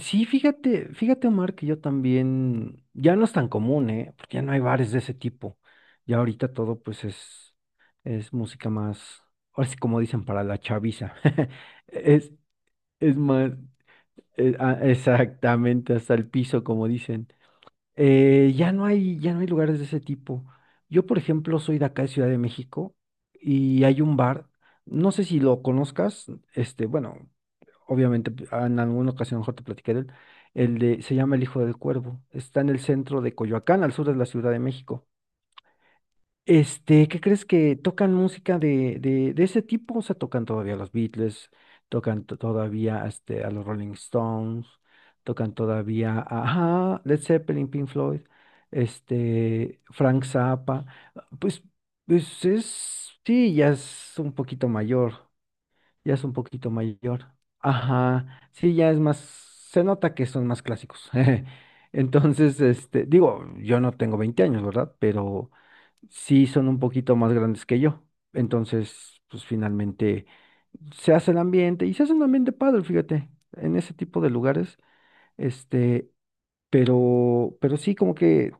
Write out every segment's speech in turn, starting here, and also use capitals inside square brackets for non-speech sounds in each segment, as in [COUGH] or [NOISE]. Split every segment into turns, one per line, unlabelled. Sí, fíjate, fíjate, Omar, que yo también, ya no es tan común, ¿eh? Porque ya no hay bares de ese tipo. Ya ahorita todo, pues, es música más, ahora sí como dicen, para la chaviza. [LAUGHS] Es, es más, exactamente, hasta el piso, como dicen. Ya no hay lugares de ese tipo. Yo, por ejemplo, soy de acá de Ciudad de México y hay un bar, no sé si lo conozcas, bueno, obviamente en alguna ocasión mejor te platiqué de él, se llama El Hijo del Cuervo, está en el centro de Coyoacán, al sur de la Ciudad de México. ¿Qué crees que tocan música de ese tipo? O sea, tocan todavía a los Beatles, tocan todavía a los Rolling Stones, tocan todavía a, ajá, Led Zeppelin, Pink Floyd, Frank Zappa. Pues, pues es, sí, ya es un poquito mayor. Ya es un poquito mayor. Ajá, sí, ya es más, se nota que son más clásicos. [LAUGHS] Entonces, digo, yo no tengo 20 años, ¿verdad? Pero sí son un poquito más grandes que yo. Entonces, pues finalmente se hace el ambiente y se hace un ambiente padre, fíjate, en ese tipo de lugares, este, pero sí como que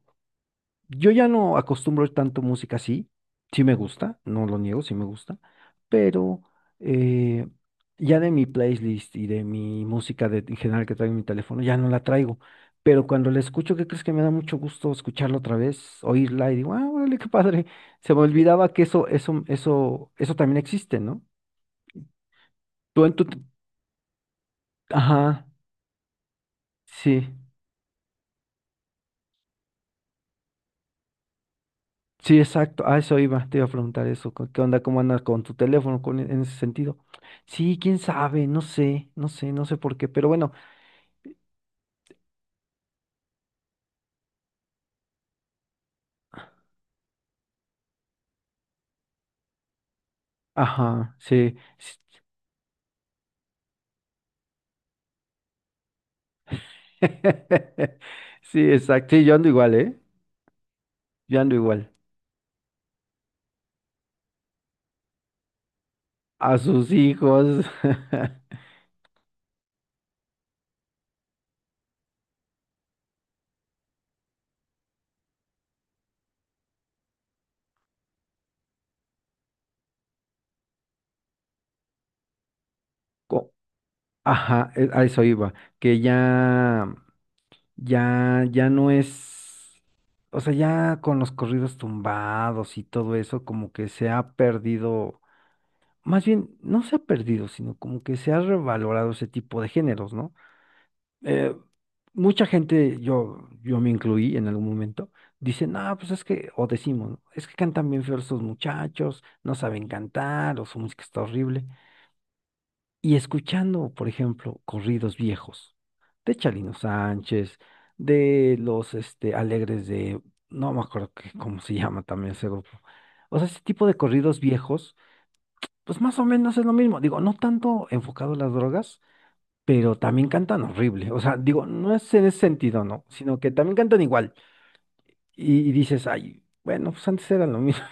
yo ya no acostumbro tanto música así. Sí me gusta, no lo niego, sí me gusta. Pero eh, ya de mi playlist y de mi música de, en general que traigo en mi teléfono, ya no la traigo. Pero cuando la escucho, ¿qué crees que me da mucho gusto escucharla otra vez, oírla? Y digo, ah, órale, qué padre. [LAUGHS] Se me olvidaba que eso también existe, ¿no? Tú en tu, ajá, sí. Sí, exacto. A eso iba, te iba a preguntar eso. ¿Qué onda? ¿Cómo andas con tu teléfono con, en ese sentido? Sí, quién sabe, no sé por qué, pero bueno, ajá, sí. Sí, [LAUGHS] sí, exacto. Sí, yo ando igual, ¿eh? Yo ando igual. A sus hijos. [LAUGHS] co- Ajá, a eso iba. Que ya no es. O sea, ya con los corridos tumbados y todo eso, como que se ha perdido. Más bien, no se ha perdido, sino como que se ha revalorado ese tipo de géneros, ¿no? Eh, mucha gente, yo me incluí en algún momento, dicen, no, pues es que, o decimos, ¿no? Es que cantan bien feos estos muchachos, no saben cantar, o su música está horrible. Y escuchando, por ejemplo, corridos viejos de Chalino Sánchez, de los Alegres de, no me acuerdo cómo se llama también ese grupo. O sea, ese tipo de corridos viejos pues más o menos es lo mismo. Digo, no tanto enfocado a las drogas, pero también cantan horrible. O sea, digo, no es en ese sentido, ¿no? Sino que también cantan igual. Y dices, ay, bueno, pues antes era lo mismo.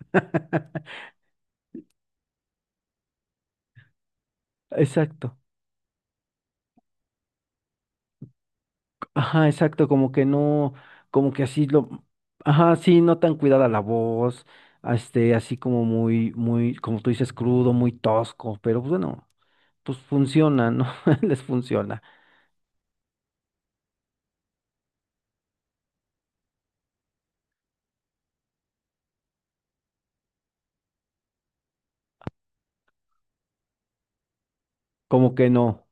[LAUGHS] Exacto. Ajá, exacto. Como que no, como que así lo, ajá, sí, no tan cuidada la voz. Así como muy, muy, como tú dices, crudo, muy tosco. Pero pues, bueno, pues funciona, ¿no? [LAUGHS] Les funciona. Como que no.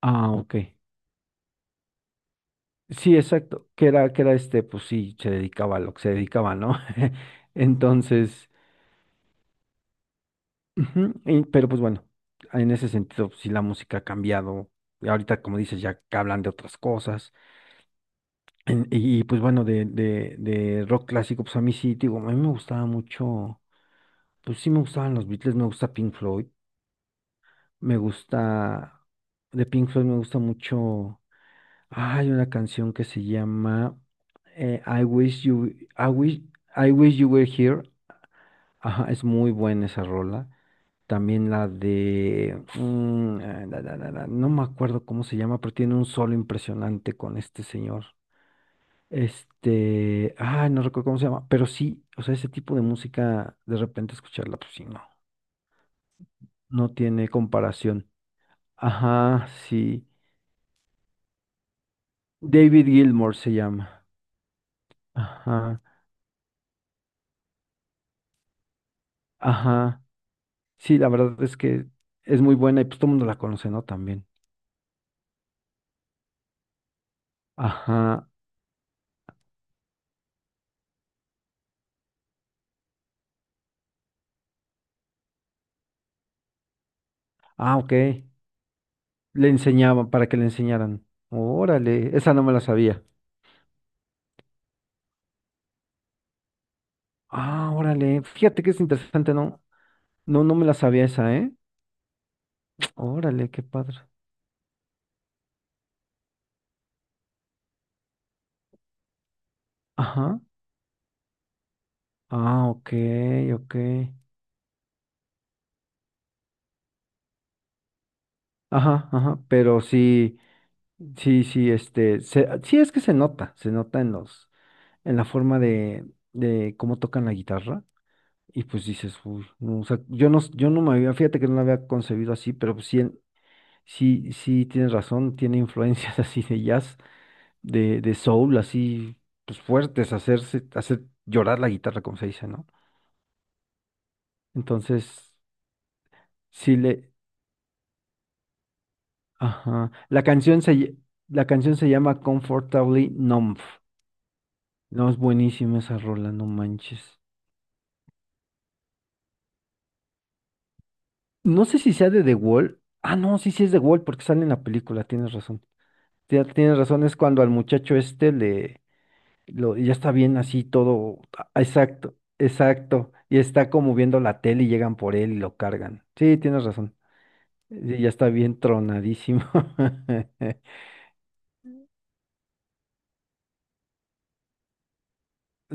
Ah, ok. Sí, exacto, que era pues sí, se dedicaba a lo que se dedicaba, ¿no? [LAUGHS] Entonces, ujú, pero pues bueno, en ese sentido, pues, sí la música ha cambiado, y ahorita como dices, ya que hablan de otras cosas, pues bueno, de rock clásico, pues a mí sí, digo, a mí me gustaba mucho, pues sí me gustaban los Beatles, me gusta Pink Floyd, me gusta, de Pink Floyd me gusta mucho. Hay una canción que se llama eh, I Wish You, I Wish, I Wish You Were Here. Ajá, es muy buena esa rola. También la de, no me acuerdo cómo se llama, pero tiene un solo impresionante con este señor. No recuerdo cómo se llama, pero sí, o sea, ese tipo de música, de repente escucharla, pues sí, no, no tiene comparación. Ajá, sí. David Gilmour se llama. Ajá, ajá. Sí, la verdad es que es muy buena y pues todo el mundo la conoce, ¿no? También. Ajá. Ah, ok. Le enseñaban para que le enseñaran. Órale, esa no me la sabía. Ah, órale. Fíjate que es interesante, ¿no? No, no me la sabía esa, ¿eh? [TSK] Órale, qué padre. Ajá. Ah, ok, ok. Ajá, ajá. Pero sí, sí, sí, sí es que se nota en la forma de cómo tocan la guitarra. Y pues dices, uy, no, o sea, yo no me había, fíjate que no lo había concebido así, pero pues sí, sí, sí tienes razón, tiene influencias [LAUGHS] así de jazz, de soul, así, pues fuertes, hacerse, hacer llorar la guitarra, como se dice, ¿no? Entonces, sí le, ajá, la canción se llama Comfortably Numb. No, es buenísima esa rola, no manches. No sé si sea de The Wall, ah, no, sí, sí es The Wall, porque sale en la película, tienes razón. Tienes razón, es cuando al muchacho este y ya está bien así todo. Exacto, exacto. Y está como viendo la tele y llegan por él y lo cargan. Sí, tienes razón. Sí, ya está bien tronadísimo. [LAUGHS]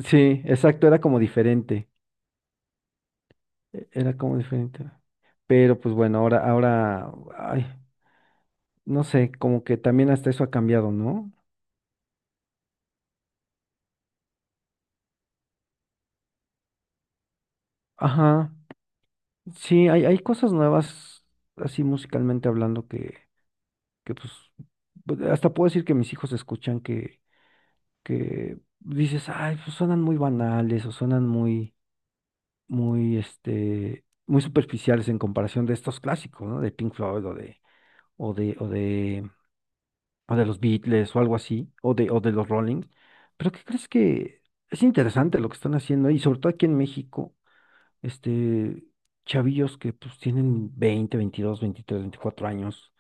Sí, exacto, era como diferente. Era como diferente. Pero pues bueno, ahora, ay, no sé, como que también hasta eso ha cambiado, ¿no? Ajá. Sí, hay cosas nuevas, así musicalmente hablando, que pues, hasta puedo decir que mis hijos escuchan, que dices, ay, pues suenan muy banales o suenan muy, muy, muy superficiales en comparación de estos clásicos, ¿no? De Pink Floyd o de, o de, o de los Beatles o algo así, o de los Rolling. Pero ¿qué crees? Que es interesante lo que están haciendo. Y sobre todo aquí en México, este, chavillos que pues tienen 20, 22, 23, 24 años.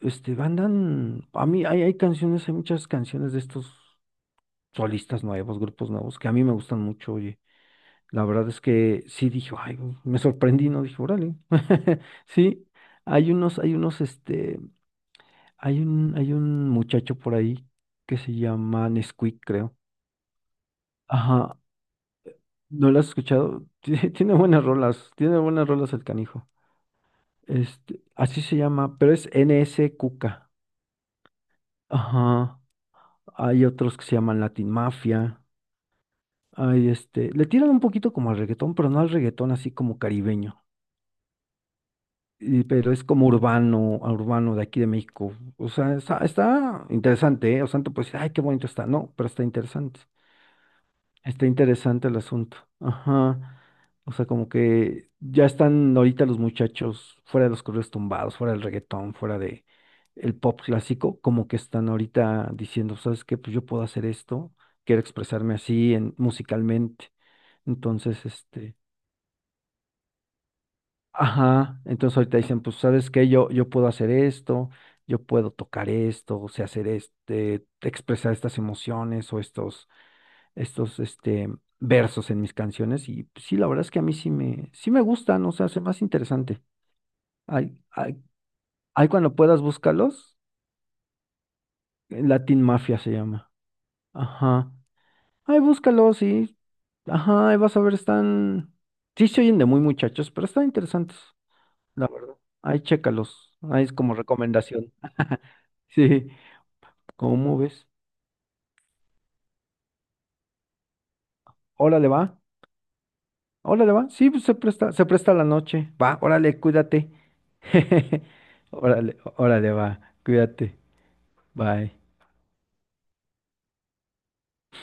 Andan, a mí hay canciones, hay muchas canciones de estos solistas nuevos, grupos nuevos, que a mí me gustan mucho, oye. La verdad es que sí dije, "ay, güey", me sorprendí, ¿no? Dije, órale. [LAUGHS] Sí, hay unos, hay unos, este, hay un muchacho por ahí que se llama Nesquik, creo. Ajá, ¿no lo has escuchado? [LAUGHS] Tiene buenas rolas, tiene buenas rolas el canijo. Así se llama, pero es N S Cuca. Ajá, hay otros que se llaman Latin Mafia. Hay le tiran un poquito como al reggaetón, pero no al reggaetón así como caribeño. Pero es como urbano, a urbano de aquí de México. O sea, está interesante, ¿eh? O sea, tú puedes, ay, qué bonito está. No, pero está interesante. Está interesante el asunto. Ajá. O sea, como que ya están ahorita los muchachos fuera de los correos tumbados, fuera del reggaetón, fuera de el pop clásico, como que están ahorita diciendo, ¿sabes qué? Pues yo puedo hacer esto, quiero expresarme así en, musicalmente. Entonces, ajá, entonces ahorita dicen, pues, ¿sabes qué? Yo puedo hacer esto, yo puedo tocar esto, o sea, hacer este, expresar estas emociones o estos, estos, este, versos en mis canciones. Y pues, sí, la verdad es que a mí sí me, gustan, o sea, hace más interesante. Hay, hay, hay, cuando puedas, búscalos. Latin Mafia se llama. Ajá. Ay, búscalos, sí. Ajá, ahí vas a ver, están. Sí se oyen de muy muchachos, pero están interesantes. La verdad. Ahí chécalos, ahí es como recomendación. [LAUGHS] Sí, ¿cómo ves? Órale, va. Órale, va. Sí, pues se presta la noche. Va, órale, cuídate. [LAUGHS] Órale, órale, va. Cuídate. Bye.